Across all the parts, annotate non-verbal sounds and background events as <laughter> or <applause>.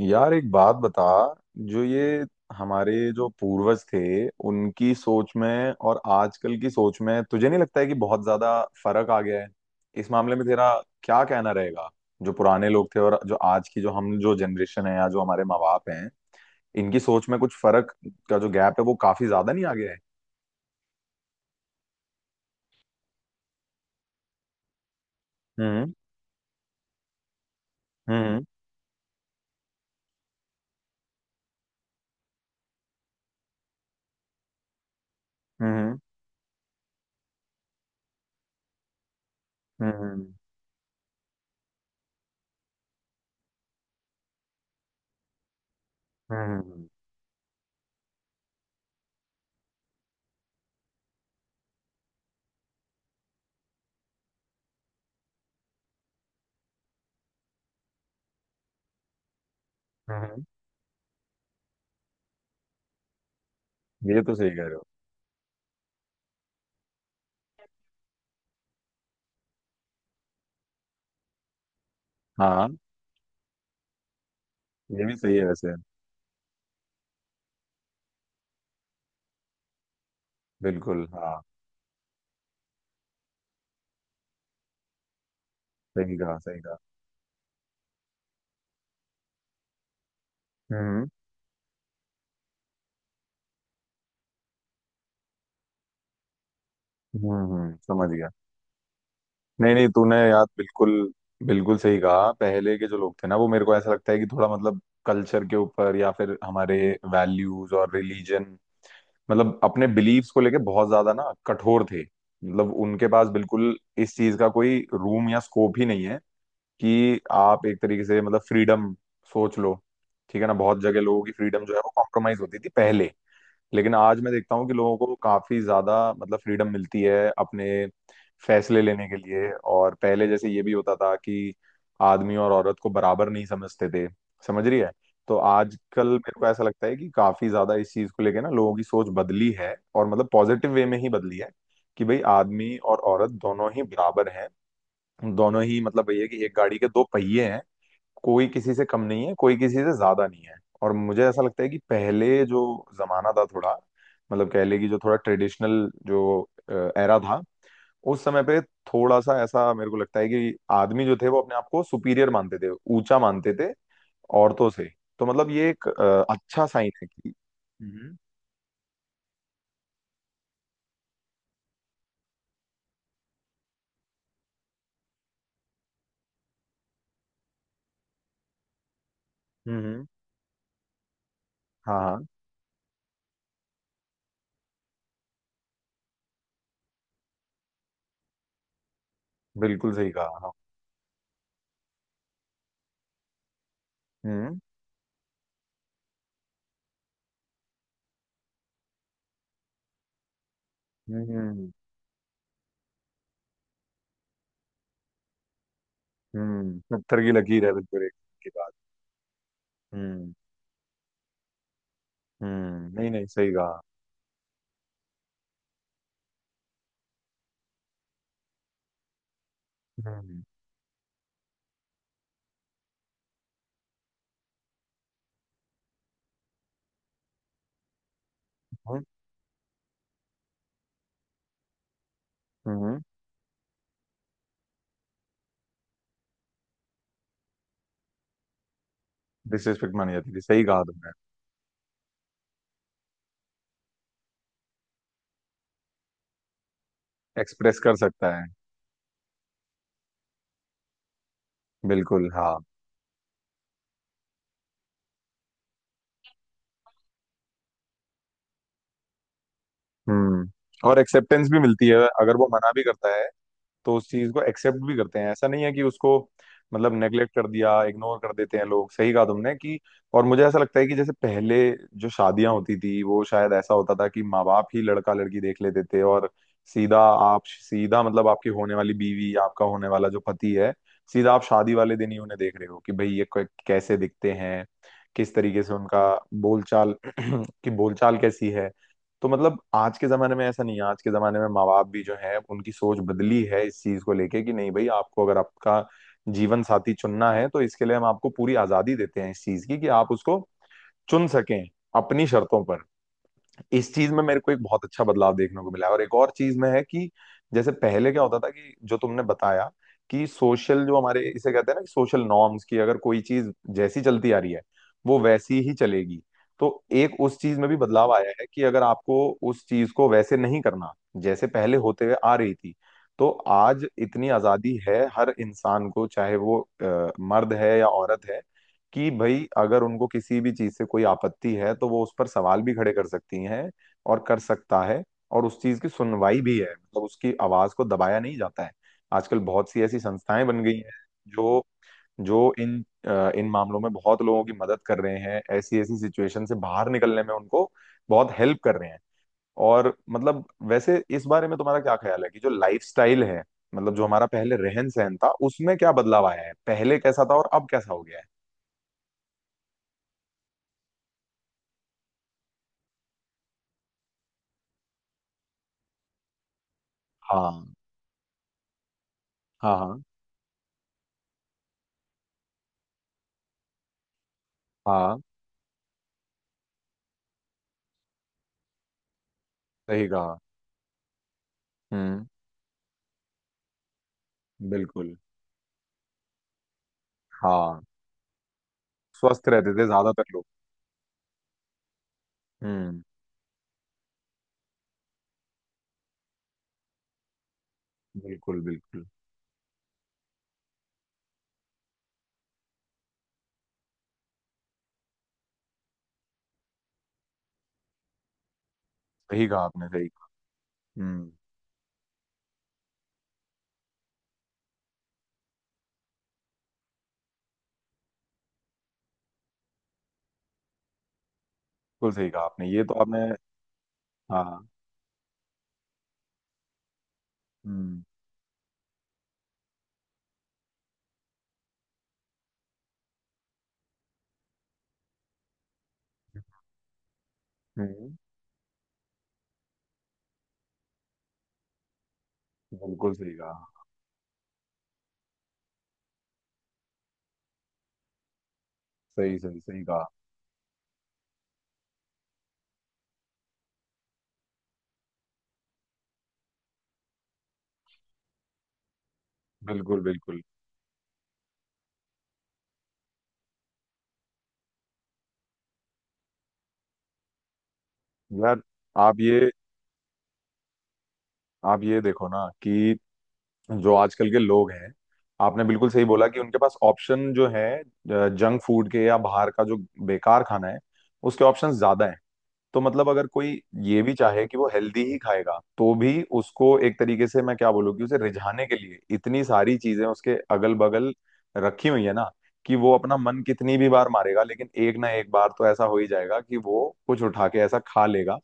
यार, एक बात बता। जो ये हमारे जो पूर्वज थे, उनकी सोच में और आजकल की सोच में तुझे नहीं लगता है कि बहुत ज्यादा फर्क आ गया है? इस मामले में तेरा क्या कहना रहेगा? जो पुराने लोग थे और जो आज की जो जनरेशन है या जो हमारे माँ बाप हैं, इनकी सोच में कुछ फर्क का जो गैप है, वो काफी ज्यादा नहीं आ गया है? हम्म। हम्म। हम्म। हम्म। हम्म। हम्म। ये तो सही कह रहे हो। हाँ। ये भी सही है वैसे। बिल्कुल हाँ। सही कहा, सही कहा। हम्म, समझ गया। नहीं नहीं, तूने यार बिल्कुल बिल्कुल सही कहा। पहले के जो लोग थे ना, वो मेरे को ऐसा लगता है कि थोड़ा मतलब कल्चर के ऊपर या फिर हमारे वैल्यूज और रिलीजन मतलब अपने बिलीव्स को लेके बहुत ज्यादा ना कठोर थे। मतलब उनके पास बिल्कुल इस चीज का कोई रूम या स्कोप ही नहीं है कि आप एक तरीके से मतलब फ्रीडम सोच लो। ठीक है ना, बहुत जगह लोगों की फ्रीडम जो है वो कॉम्प्रोमाइज होती थी पहले। लेकिन आज मैं देखता हूँ कि लोगों को काफी ज्यादा मतलब फ्रीडम मिलती है अपने फैसले लेने के लिए। और पहले जैसे ये भी होता था कि आदमी और औरत को बराबर नहीं समझते थे, समझ रही है? तो आजकल मेरे को ऐसा लगता है कि काफी ज्यादा इस चीज को लेके ना लोगों की सोच बदली है, और मतलब पॉजिटिव वे में ही बदली है, कि भाई आदमी और औरत दोनों ही बराबर हैं। दोनों ही मतलब ये है कि एक गाड़ी के दो पहिए हैं, कोई किसी से कम नहीं है, कोई किसी से ज्यादा नहीं है। और मुझे ऐसा लगता है कि पहले जो जमाना था, थोड़ा मतलब कह ले कि जो थोड़ा ट्रेडिशनल जो एरा था, उस समय पे थोड़ा सा ऐसा मेरे को लगता है कि आदमी जो थे वो अपने आप को सुपीरियर मानते थे, ऊंचा मानते थे औरतों से। तो मतलब ये एक अच्छा साइन है, कि हम्म। हम्म। हाँ हाँ। बिल्कुल सही कहा हाँ। हम्म। हम्म। हम्म, पत्थर की लकीर है बिल्कुल एक की बात। हम्म। हम्म, नहीं नहीं सही कहा। हम्म। हम्म, डिसरिस्पेक्ट मानी जाती थी, सही कहा तुमने। एक्सप्रेस कर सकता है। बिल्कुल हाँ। हम्म। और एक्सेप्टेंस भी मिलती है अगर वो मना भी करता है। तो उस चीज को एक्सेप्ट भी करते हैं, ऐसा नहीं है कि उसको मतलब नेग्लेक्ट कर दिया। इग्नोर कर देते हैं लोग। सही कहा तुमने, कि और मुझे ऐसा लगता है कि जैसे पहले जो शादियां होती थी, वो शायद ऐसा होता था कि माँ बाप ही लड़का लड़की देख लेते थे, और सीधा मतलब आपकी होने वाली बीवी आपका होने वाला जो पति है, सीधा आप शादी वाले दिन ही उन्हें देख रहे हो, कि भाई ये कैसे दिखते हैं, किस तरीके से उनका बोलचाल <clears throat> की बोलचाल कैसी है। तो मतलब आज के जमाने में ऐसा नहीं है। आज के जमाने में माँ बाप भी जो है उनकी सोच बदली है इस चीज को लेके, कि नहीं भाई, आपको अगर आपका जीवन साथी चुनना है तो इसके लिए हम आपको पूरी आजादी देते हैं इस चीज की, कि आप उसको चुन सकें अपनी शर्तों पर। इस चीज में मेरे को एक बहुत अच्छा बदलाव देखने को मिला है। और एक और चीज में है, कि जैसे पहले क्या होता था कि जो तुमने बताया, कि सोशल जो हमारे इसे कहते हैं ना, कि सोशल नॉर्म्स की अगर कोई चीज जैसी चलती आ रही है, वो वैसी ही चलेगी। तो एक उस चीज में भी बदलाव आया है, कि अगर आपको उस चीज को वैसे नहीं करना जैसे पहले होते हुए आ रही थी, तो आज इतनी आजादी है हर इंसान को, चाहे वो मर्द है या औरत है, कि भाई अगर उनको किसी भी चीज से कोई आपत्ति है तो वो उस पर सवाल भी खड़े कर सकती हैं, और कर सकता है। और उस चीज की सुनवाई भी है, मतलब उसकी आवाज को दबाया नहीं जाता है। आजकल बहुत सी ऐसी संस्थाएं बन गई हैं जो जो इन अ, इन मामलों में बहुत लोगों की मदद कर रहे हैं, ऐसी ऐसी सिचुएशन से बाहर निकलने में उनको बहुत हेल्प कर रहे हैं। और मतलब वैसे इस बारे में तुम्हारा क्या ख्याल है, कि जो लाइफस्टाइल है, मतलब जो हमारा पहले रहन सहन था, उसमें क्या बदलाव आया है? पहले कैसा था और अब कैसा हो गया है? हाँ हाँ। हाँ। हाँ सही कहा। हम्म, बिल्कुल। हाँ, स्वस्थ रहते थे ज्यादातर लोग। हम्म, बिल्कुल बिल्कुल। सही कहा आपने, सही कहा। हम्म, बिल्कुल। सही कहा आपने, ये तो आपने। हाँ। हम्म। हम्म, बिल्कुल सही कहा। सही सही, सही कहा। बिल्कुल बिल्कुल। यार, आप ये आप ये देखो ना कि जो आजकल के लोग हैं, आपने बिल्कुल सही बोला कि उनके पास ऑप्शन जो है जंक फूड के या बाहर का जो बेकार खाना है, उसके ऑप्शन ज्यादा हैं। तो मतलब अगर कोई ये भी चाहे कि वो हेल्दी ही खाएगा, तो भी उसको एक तरीके से मैं क्या बोलूँ, कि उसे रिझाने के लिए इतनी सारी चीजें उसके अगल बगल रखी हुई है ना, कि वो अपना मन कितनी भी बार मारेगा, लेकिन एक ना एक बार तो ऐसा हो ही जाएगा कि वो कुछ उठा के ऐसा खा लेगा।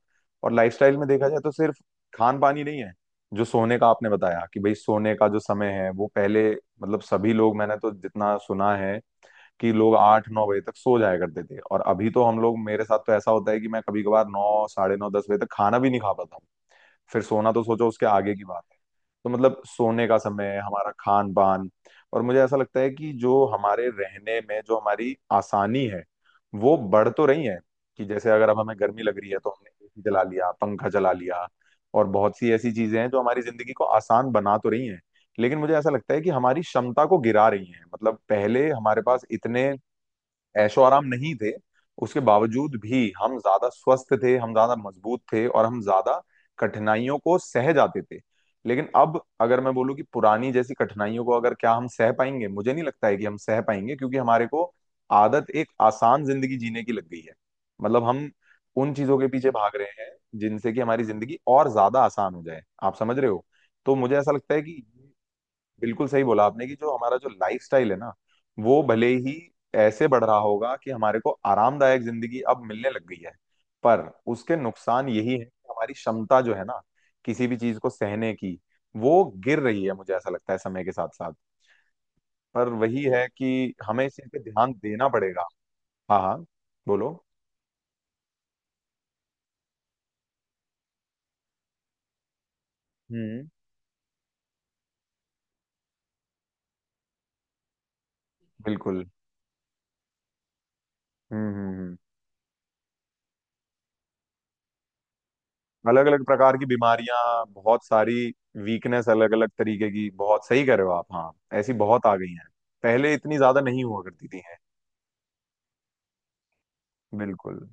और लाइफस्टाइल में देखा जाए तो सिर्फ खान पान ही नहीं है, जो सोने का आपने बताया कि भाई सोने का जो समय है, वो पहले मतलब सभी लोग, मैंने तो जितना सुना है कि लोग 8-9 बजे तक सो जाया करते थे। और अभी तो हम लोग, मेरे साथ तो ऐसा होता है कि मैं कभी कभार 9, साढ़े 9, 10 बजे तक खाना भी नहीं खा पाता हूँ, फिर सोना तो सोचो उसके आगे की बात है। तो मतलब सोने का समय, हमारा खान पान, और मुझे ऐसा लगता है कि जो हमारे रहने में जो हमारी आसानी है, वो बढ़ तो रही है, कि जैसे अगर अब हमें गर्मी लग रही है तो हमने एसी चला लिया, पंखा चला लिया। और बहुत सी ऐसी चीजें हैं जो हमारी जिंदगी को आसान बना तो रही हैं, लेकिन मुझे ऐसा लगता है कि हमारी क्षमता को गिरा रही हैं। मतलब पहले हमारे पास इतने ऐशो आराम नहीं थे, उसके बावजूद भी हम ज्यादा स्वस्थ थे, हम ज्यादा मजबूत थे और हम ज्यादा कठिनाइयों को सह जाते थे। लेकिन अब अगर मैं बोलूँ कि पुरानी जैसी कठिनाइयों को अगर क्या हम सह पाएंगे, मुझे नहीं लगता है कि हम सह पाएंगे, क्योंकि हमारे को आदत एक आसान जिंदगी जीने की लग गई है। मतलब हम उन चीजों के पीछे भाग रहे हैं जिनसे कि हमारी जिंदगी और ज्यादा आसान हो जाए, आप समझ रहे हो? तो मुझे ऐसा लगता है कि बिल्कुल सही बोला आपने, कि जो हमारा जो लाइफस्टाइल है ना, वो भले ही ऐसे बढ़ रहा होगा कि हमारे को आरामदायक जिंदगी अब मिलने लग गई है, पर उसके नुकसान यही है कि हमारी क्षमता जो है ना किसी भी चीज को सहने की, वो गिर रही है मुझे ऐसा लगता है, समय के साथ साथ। पर वही है कि हमें इस चीज पे ध्यान देना पड़ेगा। हाँ हाँ। बोलो। हम्म, बिल्कुल। हम्म हम्म हम्म। अलग अलग प्रकार की बीमारियां, बहुत सारी वीकनेस अलग अलग तरीके की, बहुत सही कर रहे हो आप, हाँ। ऐसी बहुत आ गई हैं, पहले इतनी ज्यादा नहीं हुआ करती थी हैं। बिल्कुल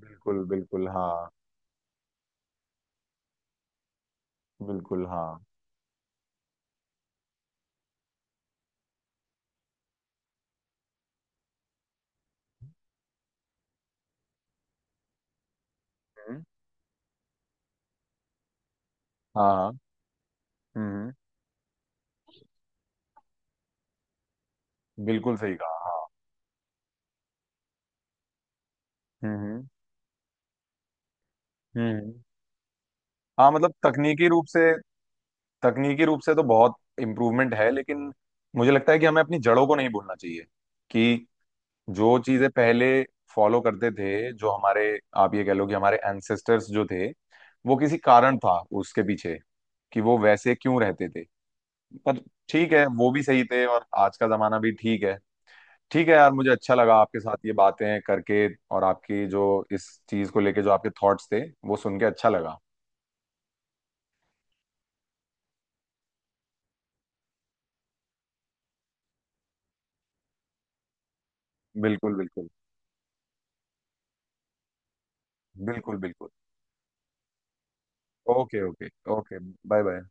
बिल्कुल। बिल्कुल हाँ। बिल्कुल हाँ। हम्म, हाँ। हम्म। बिल्कुल सही कहा हाँ। हम्म हम्म हम्म, हम्म। हाँ मतलब तकनीकी रूप से, तकनीकी रूप से तो बहुत इम्प्रूवमेंट है, लेकिन मुझे लगता है कि हमें अपनी जड़ों को नहीं भूलना चाहिए, कि जो चीजें पहले फॉलो करते थे, जो हमारे, आप ये कह लो कि हमारे एंसेस्टर्स जो थे, वो किसी कारण था उसके पीछे कि वो वैसे क्यों रहते थे। पर ठीक है, वो भी सही थे और आज का जमाना भी ठीक है। ठीक है यार, मुझे अच्छा लगा आपके साथ ये बातें करके, और आपकी जो इस चीज को लेके जो आपके थॉट्स थे, वो सुन के अच्छा लगा। बिल्कुल बिल्कुल। बिल्कुल बिल्कुल। Okay okay. Okay, bye bye.